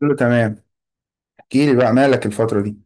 كله تمام. احكي لي بقى، مالك الفترة دي؟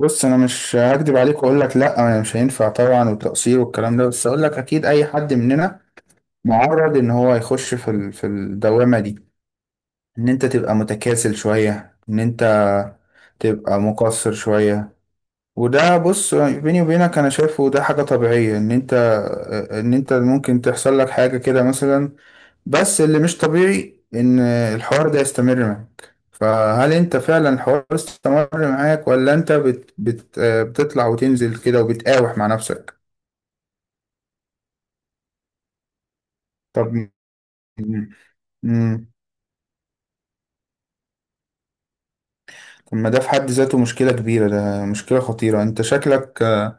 بص، انا مش هكدب عليك واقول لك لا، انا مش هينفع طبعا والتقصير والكلام ده. بس اقول لك اكيد اي حد مننا معرض ان هو يخش في في الدوامة دي، ان انت تبقى متكاسل شوية، ان انت تبقى مقصر شوية. وده بص، بيني وبينك انا شايفه ده حاجة طبيعية، ان انت ان انت ممكن تحصل لك حاجة كده مثلا. بس اللي مش طبيعي ان الحوار ده يستمر معاك. فهل انت فعلا الحوار استمر معاك، ولا انت بت بت آه، بتطلع وتنزل كده وبتقاوح مع نفسك؟ طب. امم طب، ما ده في حد ذاته مشكلة كبيرة، ده مشكلة خطيرة. انت شكلك آه،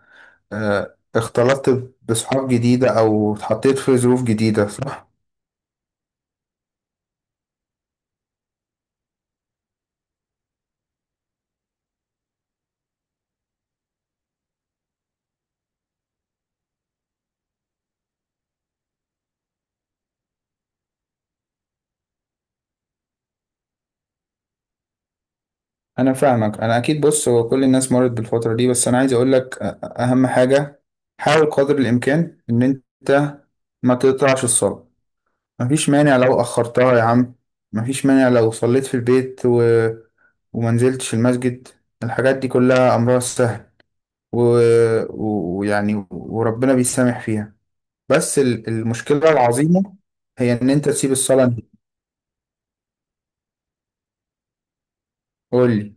آه، اختلطت بصحاب جديدة او اتحطيت في ظروف جديدة، صح؟ انا فاهمك. انا اكيد بص، هو كل الناس مرت بالفتره دي. بس انا عايز اقول لك، اهم حاجه حاول قدر الامكان ان انت ما تقطعش الصلاه. مفيش مانع لو اخرتها يا عم، مفيش مانع لو صليت في البيت و... وما نزلتش المسجد. الحاجات دي كلها امرها سهل، ويعني وربنا بيسامح فيها. بس المشكله العظيمه هي ان انت تسيب الصلاه دي. قول لي.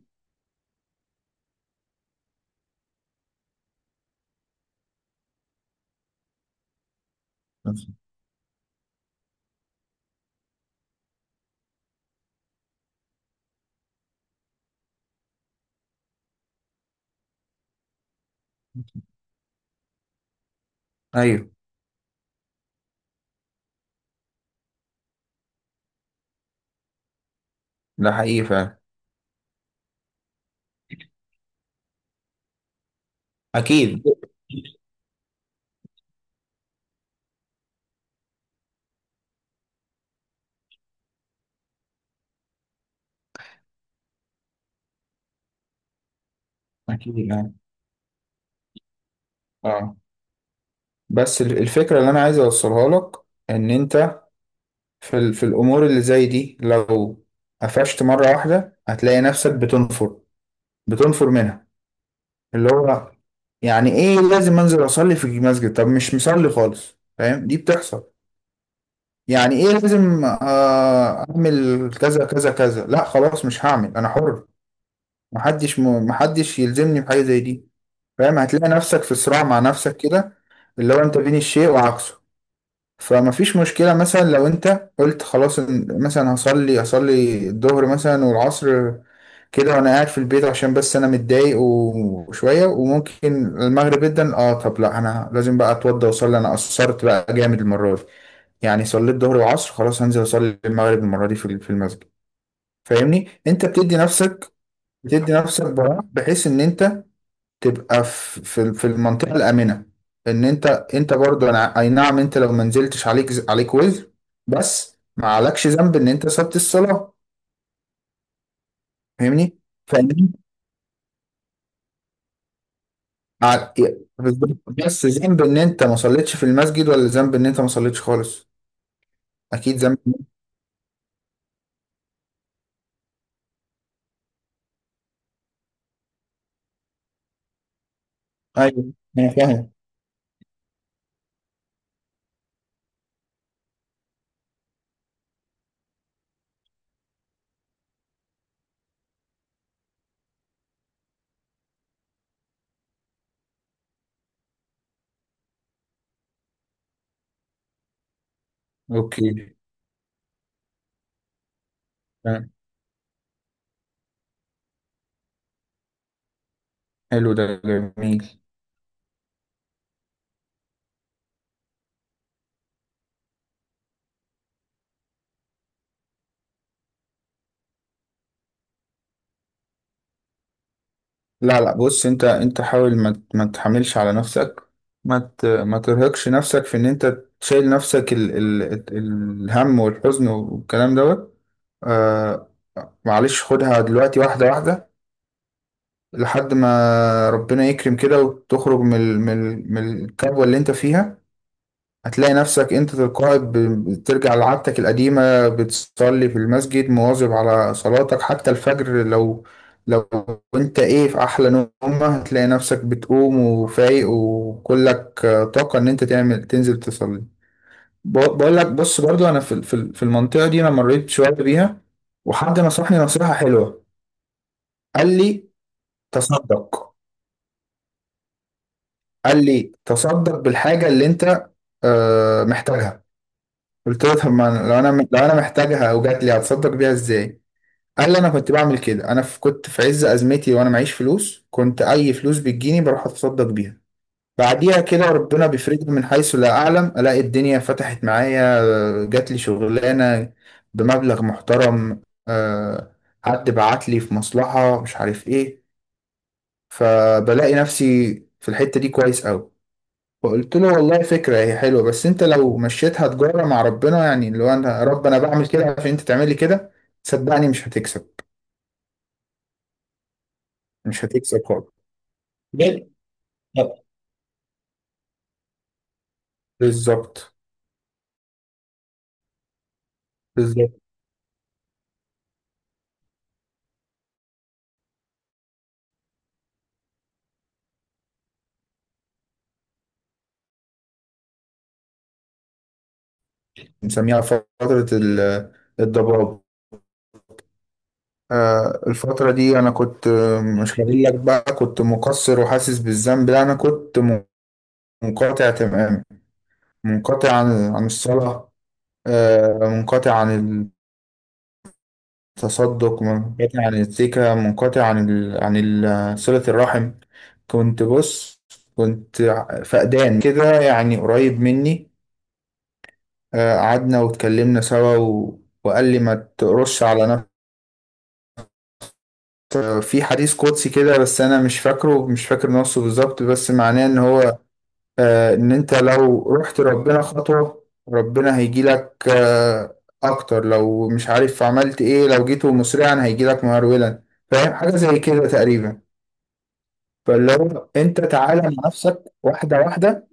ايوه، ده حقيقي فعلا. اكيد. اكيد يعني. اه. بس الفكرة اللي أنا عايز أوصلها لك، إن أنت في الأمور اللي زي دي لو قفشت مرة واحدة هتلاقي نفسك بتنفر، منها. اللي هو، يعني إيه لازم أنزل أصلي في المسجد؟ طب مش مصلي خالص، فاهم؟ دي بتحصل. يعني إيه لازم أعمل كذا كذا كذا؟ لا خلاص مش هعمل، أنا حر. محدش يلزمني بحاجة زي دي. فاهم؟ هتلاقي نفسك في صراع مع نفسك كده، اللي هو أنت بين الشيء وعكسه. فما فيش مشكلة مثلا لو انت قلت خلاص، مثلا هصلي الظهر مثلا والعصر كده وانا قاعد في البيت عشان بس انا متضايق و- وشوية، وممكن المغرب جدا اه. طب لا، انا لازم بقى اتوضى واصلي، انا قصرت بقى جامد المرة دي. يعني صليت الظهر والعصر، خلاص هنزل اصلي المغرب المرة دي في المسجد. فاهمني؟ انت بتدي نفسك، براح بحيث ان انت تبقى في المنطقه الامنه، ان انت برضو. انا اي نعم، انت لو ما نزلتش عليك عليك وزر، بس ما عليكش ذنب ان انت سبت الصلاه. فاهمني؟ فاهمني ع- بالظبط. بس ذنب ان انت ما صليتش في المسجد، ولا ذنب ان انت ما صليتش خالص؟ اكيد ذنب. ايوه انا فاهم. اوكي، تمام. حلو، ده جميل. لا لا بص، انت حاول ما تحملش على نفسك، ما ترهقش نفسك في ان انت تشيل نفسك الهم والحزن والكلام دوت. آه معلش خدها دلوقتي واحدة واحدة، لحد ما ربنا يكرم كده وتخرج من الكبوة اللي انت فيها. هتلاقي نفسك انت تلقائي بترجع لعادتك القديمة، بتصلي في المسجد مواظب على صلاتك، حتى الفجر. لو انت ايه في احلى نومة هتلاقي نفسك بتقوم وفايق وكلك طاقة ان انت تعمل تنزل تصلي. بقول لك، بص برضو انا في المنطقة دي انا مريت شوية بيها، وحد نصحني نصيحة حلوة. قال لي تصدق. قال لي تصدق بالحاجة اللي انت محتاجها. قلت له طب ما أنا- لو انا محتاجها او جات لي هتصدق بيها ازاي؟ قال لي انا كنت بعمل كده. انا كنت في عز ازمتي وانا معيش فلوس، كنت اي فلوس بتجيني بروح اتصدق بيها. بعديها كده ربنا بيفرجني من حيث لا اعلم، الاقي الدنيا فتحت معايا، جات لي شغلانه بمبلغ محترم، آه، حد بعت لي في مصلحه مش عارف ايه. فبلاقي نفسي في الحته دي كويس قوي. فقلت له والله فكرة هي حلوة، بس انت لو مشيتها تجارة مع ربنا، يعني اللي هو انا يا رب انا بعمل كده عشان انت تعملي كده، صدقني مش هتكسب. مش هتكسب خالص، بجد. طب. بالظبط. بالظبط. بنسميها فترة الضباب. الفترة دي أنا كنت، مش هقول لك بقى كنت مقصر وحاسس بالذنب، لا أنا كنت منقطع تماما، منقطع عن الصلاة. منقطع عن، تصدق، منقطع عن السكة، منقطع عن صلة الرحم. كنت بص، كنت فقدان كده يعني قريب مني. قعدنا واتكلمنا سوا و... وقال لي ما تقرش على نفسك. في حديث قدسي كده، بس انا مش فاكر نصه بالظبط، بس معناه ان هو ان انت لو رحت ربنا خطوة ربنا هيجيلك اكتر. لو مش عارف عملت ايه، لو جيت مسرعا هيجيلك مهرولا. فاهم؟ حاجة زي كده تقريبا. فلو انت تعالى مع نفسك واحدة واحدة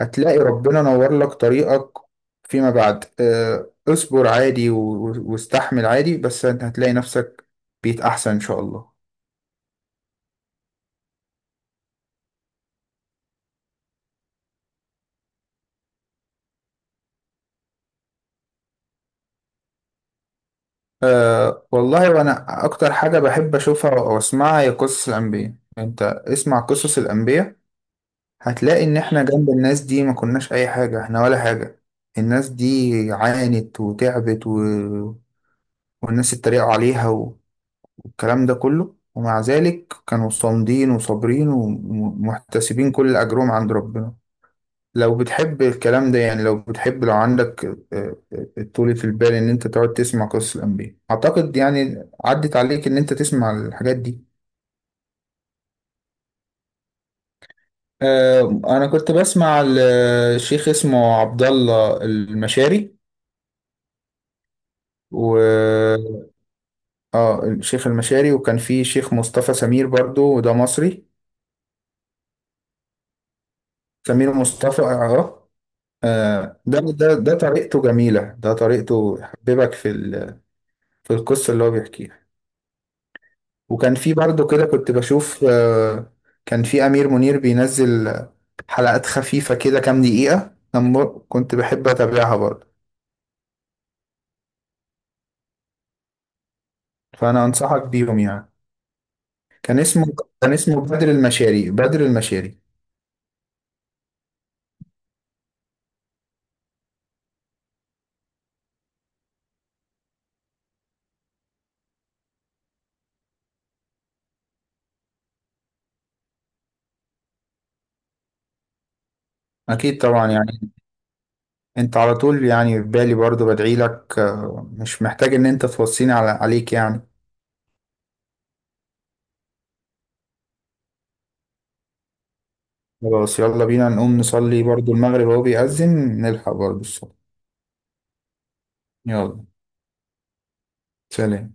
هتلاقي ربنا نور لك طريقك فيما بعد. اه، اصبر عادي و- واستحمل عادي، بس انت هتلاقي نفسك بيت احسن ان شاء الله. والله وانا اكتر حاجة بحب اشوفها او اسمعها هي قصص الانبياء. انت اسمع قصص الانبياء هتلاقي ان احنا جنب الناس دي ما كناش اي حاجة، احنا ولا حاجة. الناس دي عانت وتعبت و... والناس اتريقوا عليها الكلام ده كله، ومع ذلك كانوا صامدين وصابرين ومحتسبين كل أجرهم عند ربنا. لو بتحب الكلام ده، يعني لو بتحب لو عندك طولة البال إن أنت تقعد تسمع قصص الأنبياء، أعتقد يعني عدت عليك إن أنت تسمع الحاجات دي. أنا كنت بسمع الشيخ، اسمه عبد الله المشاري. و اه الشيخ المشاري. وكان في شيخ مصطفى سمير برضو، وده مصري. سمير مصطفى اه. ده طريقته جميلة، ده طريقته يحببك في القصة اللي هو بيحكيها. وكان في برضه كده كنت بشوف، كان في أمير منير بينزل حلقات خفيفة كده كام دقيقة، كنت بحب أتابعها برضه. فأنا أنصحك بيهم يعني. كان اسمه، بدر المشاري. بدر المشاري. أكيد طبعا يعني. أنت على طول يعني في بالي، برضه بدعي لك. مش محتاج إن أنت توصيني عليك يعني. خلاص، يلا بينا نقوم نصلي برضو المغرب، وهو بيأذن نلحق برضو الصلاة. يلا. سلام.